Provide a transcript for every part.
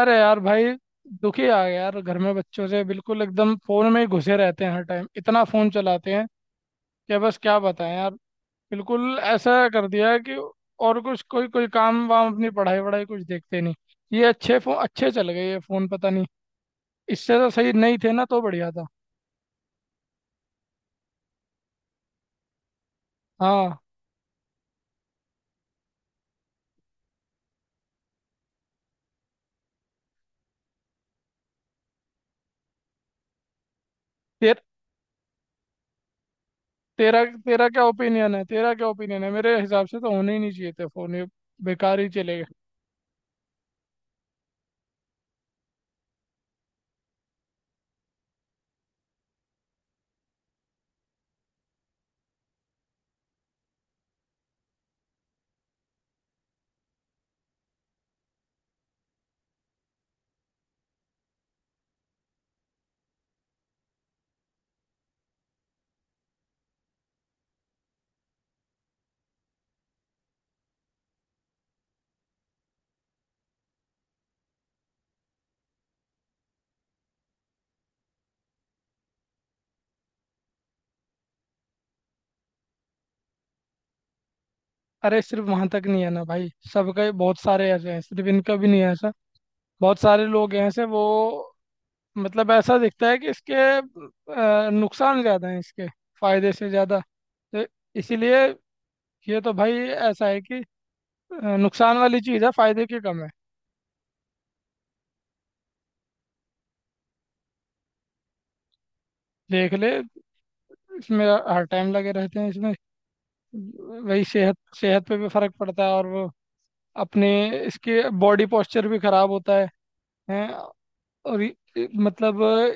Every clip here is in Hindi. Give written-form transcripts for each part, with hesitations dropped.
अरे यार भाई, दुखी आ गया यार। घर में बच्चों से बिल्कुल एकदम फोन में ही घुसे रहते हैं। हर टाइम इतना फोन चलाते हैं कि बस क्या बताएं यार। बिल्कुल ऐसा कर दिया है कि और कुछ, कोई कोई काम वाम अपनी पढ़ाई वढ़ाई कुछ देखते नहीं। ये अच्छे फोन, अच्छे चल गए ये फोन, पता नहीं। इससे तो सही नहीं थे ना, तो बढ़िया था। हाँ। ते, तेरा तेरा क्या ओपिनियन है? तेरा क्या ओपिनियन है? मेरे हिसाब से तो होने ही नहीं चाहिए थे फोन ये। बेकार ही चले गए। अरे सिर्फ वहां तक नहीं है ना भाई, सबके बहुत सारे ऐसे हैं, सिर्फ इनका भी नहीं है ऐसा। बहुत सारे लोग हैं ऐसे वो। मतलब ऐसा दिखता है कि इसके नुकसान ज़्यादा हैं इसके फायदे से ज़्यादा। तो इसीलिए, ये तो भाई ऐसा है कि नुकसान वाली चीज़ है, फायदे के कम है। देख ले, इसमें हर टाइम लगे रहते हैं इसमें। वही, सेहत सेहत पे भी फर्क पड़ता है और वो अपने इसके बॉडी पोस्चर भी खराब होता है। हैं। और मतलब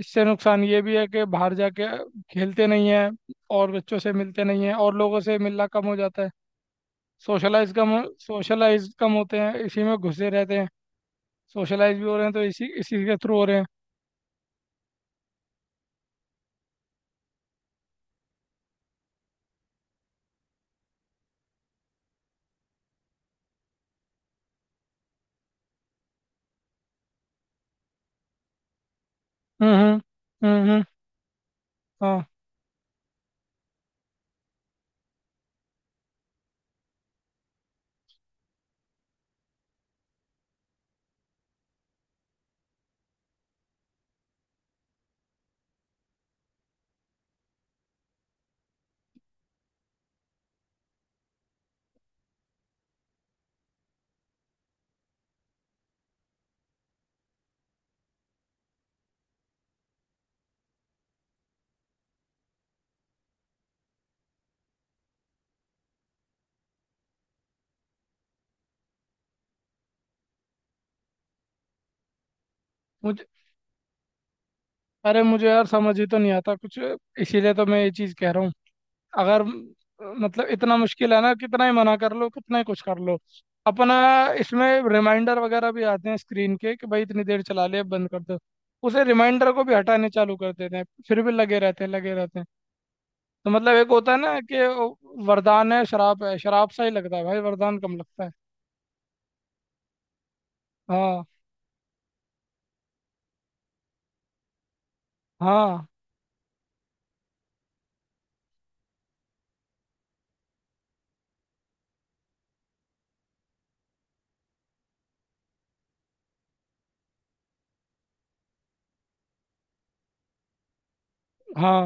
इससे नुकसान ये भी है कि बाहर जाके खेलते नहीं हैं और बच्चों से मिलते नहीं हैं और लोगों से मिलना कम हो जाता है। सोशलाइज कम, सोशलाइज कम होते हैं, इसी में घुसे रहते हैं। सोशलाइज भी हो रहे हैं तो इसी इसी के थ्रू हो रहे हैं। हम्म। हम्म। हाँ। मुझे, अरे मुझे यार समझ ही तो नहीं आता कुछ। इसीलिए तो मैं ये चीज़ कह रहा हूँ। अगर म- मतलब इतना मुश्किल है ना, कितना ही मना कर लो, कितना ही कुछ कर लो अपना। इसमें रिमाइंडर वगैरह भी आते हैं स्क्रीन के कि भाई इतनी देर चला लिया, बंद कर दो। उसे रिमाइंडर को भी हटाने चालू कर देते हैं, फिर भी लगे रहते हैं लगे रहते हैं। तो मतलब एक होता है ना कि वो वरदान है। शराब है, शराब सा ही लगता है भाई, वरदान कम लगता है। हाँ। हाँ। हाँ,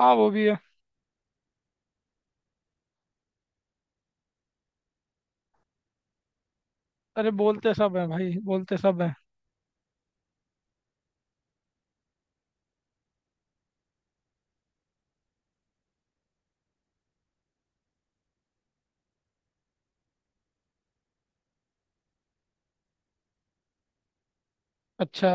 हाँ वो भी है। अरे बोलते सब हैं भाई, बोलते सब हैं। अच्छा।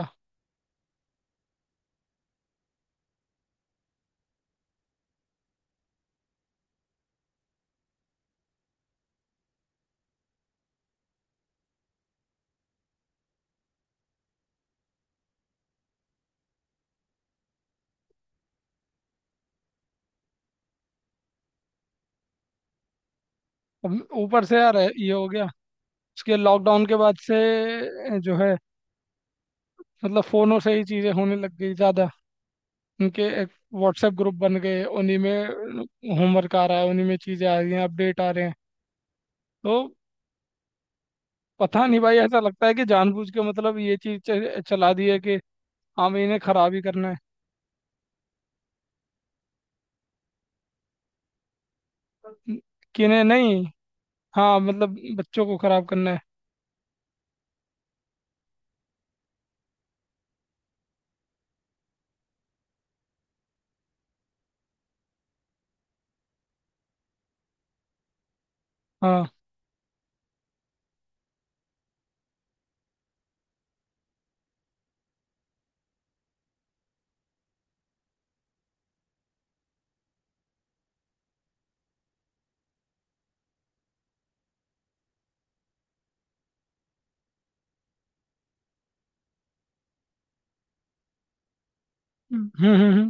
अब ऊपर से यार ये हो गया उसके, लॉकडाउन के बाद से जो है, मतलब फोनों से ही चीजें होने लग गई ज्यादा। उनके एक व्हाट्सएप ग्रुप बन गए उन्हीं में, होमवर्क आ रहा है उन्हीं में, चीजें आ रही हैं, अपडेट आ रहे हैं। तो पता नहीं भाई, ऐसा लगता है कि जानबूझ के मतलब ये चीज चला दी है कि हाँ भाई, इन्हें खराब ही करना है। न- कि इन्हें नहीं, हाँ मतलब बच्चों को खराब करना है। हाँ। हम्म।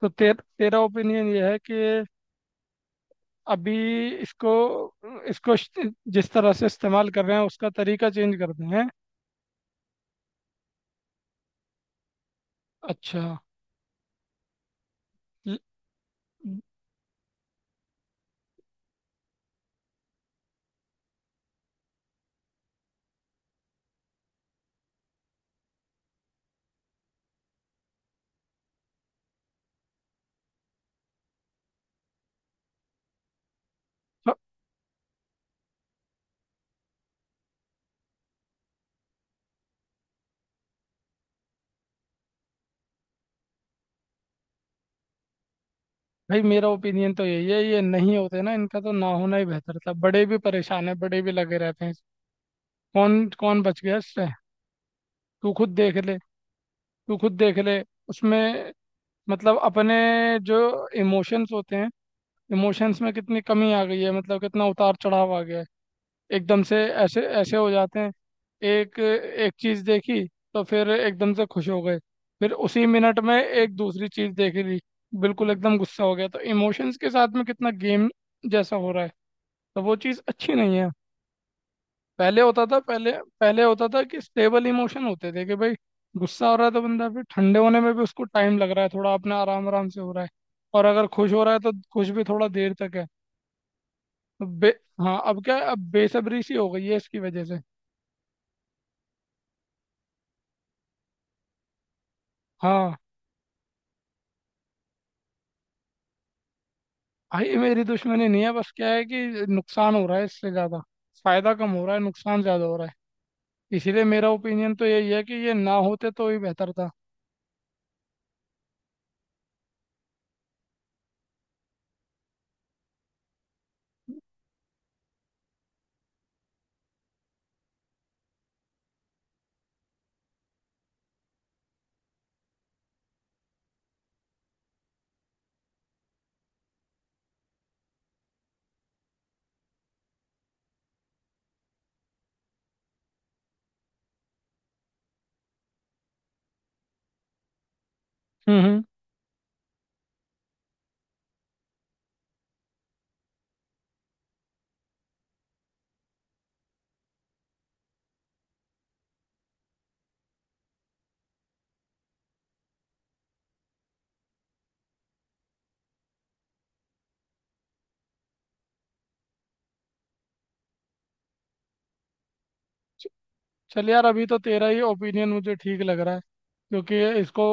तो तेरा ओपिनियन ये है कि अभी इसको, इसको श- जिस तरह से इस्तेमाल कर रहे हैं उसका तरीका चेंज कर दें हैं? अच्छा। ल- भाई मेरा ओपिनियन तो यही है, ये नहीं होते ना, इनका तो ना होना ही बेहतर था। बड़े भी परेशान है, बड़े भी लगे रहते हैं। कौन कौन बच गया इससे? तू खुद देख ले। तू खुद देख ले। उसमें मतलब अपने जो इमोशंस होते हैं, इमोशंस में कितनी कमी आ गई है, मतलब कितना उतार चढ़ाव आ गया है एकदम से। ऐसे ऐसे हो जाते हैं, एक एक चीज़ देखी तो फिर एकदम से खुश हो गए, फिर उसी मिनट में एक दूसरी चीज़ देख ली, बिल्कुल एकदम गुस्सा हो गया। तो इमोशंस के साथ में कितना गेम जैसा हो रहा है, तो वो चीज़ अच्छी नहीं है। पहले होता था, पहले, पहले होता था कि स्टेबल इमोशन होते थे कि भाई गुस्सा हो रहा है तो बंदा फिर ठंडे होने में भी उसको टाइम लग रहा है, थोड़ा अपना आराम आराम से हो रहा है। और अगर खुश हो रहा है तो खुश भी थोड़ा देर तक है। तो बे हाँ, अब क्या है, अब बेसब्री सी हो गई है इसकी वजह से। हाँ। भाई ये मेरी दुश्मनी नहीं है, बस क्या है कि नुकसान हो रहा है इससे ज़्यादा। फायदा कम हो रहा है, नुकसान ज़्यादा हो रहा है। इसीलिए मेरा ओपिनियन तो यही है कि ये ना होते तो ही बेहतर था। हम्म हम्म। चल यार, अभी तो तेरा ही ओपिनियन मुझे ठीक लग रहा है क्योंकि इसको,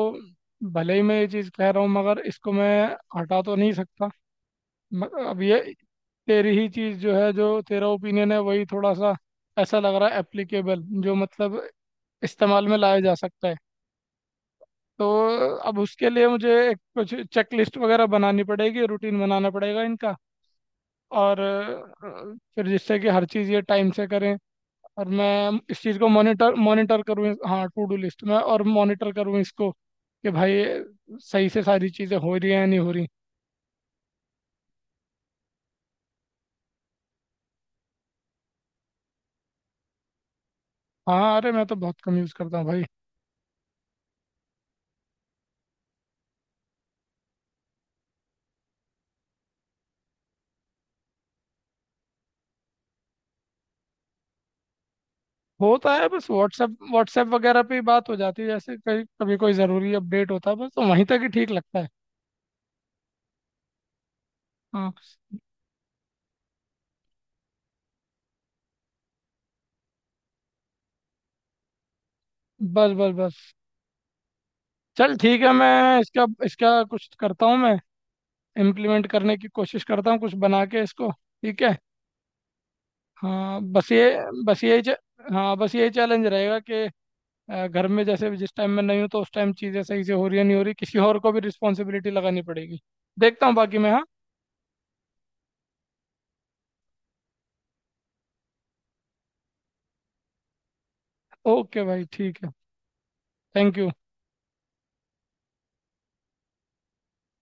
भले ही मैं ये चीज़ कह रहा हूँ मगर इसको मैं हटा तो नहीं सकता। अब ये तेरी ही चीज़ जो है, जो तेरा ओपिनियन है वही थोड़ा सा ऐसा लग रहा है एप्लीकेबल, जो मतलब इस्तेमाल में लाया जा सकता है। तो अब उसके लिए मुझे एक कुछ चेक लिस्ट वगैरह बनानी पड़ेगी, रूटीन बनाना पड़ेगा इनका। और फिर जिससे कि हर चीज़ ये टाइम से करें और मैं इस चीज़ को मॉनिटर मॉनिटर करूँ। हाँ, टू डू लिस्ट में, और मॉनिटर करूँ इसको कि भाई सही से सारी चीज़ें हो रही हैं या नहीं हो रही। हाँ, अरे मैं तो बहुत कम यूज़ करता हूँ भाई। होता है, बस व्हाट्सएप व्हाट्सएप वगैरह पे ही बात हो जाती है, जैसे कभी कभी कोई ज़रूरी अपडेट होता है बस, तो वहीं तक ही ठीक लगता है। हाँ बस। बस बस। चल ठीक है, मैं इसका इसका कुछ करता हूँ मैं, इम्प्लीमेंट करने की कोशिश करता हूँ कुछ बना के इसको। ठीक है। हाँ बस ये, बस यही च- हाँ बस यही चैलेंज रहेगा कि घर में जैसे जिस टाइम मैं नहीं हूँ तो उस टाइम चीज़ें सही से हो रही है नहीं हो रही, किसी और को भी रिस्पॉन्सिबिलिटी लगानी पड़ेगी। देखता हूँ बाकी मैं। हाँ। ओके भाई, ठीक है। Thank you.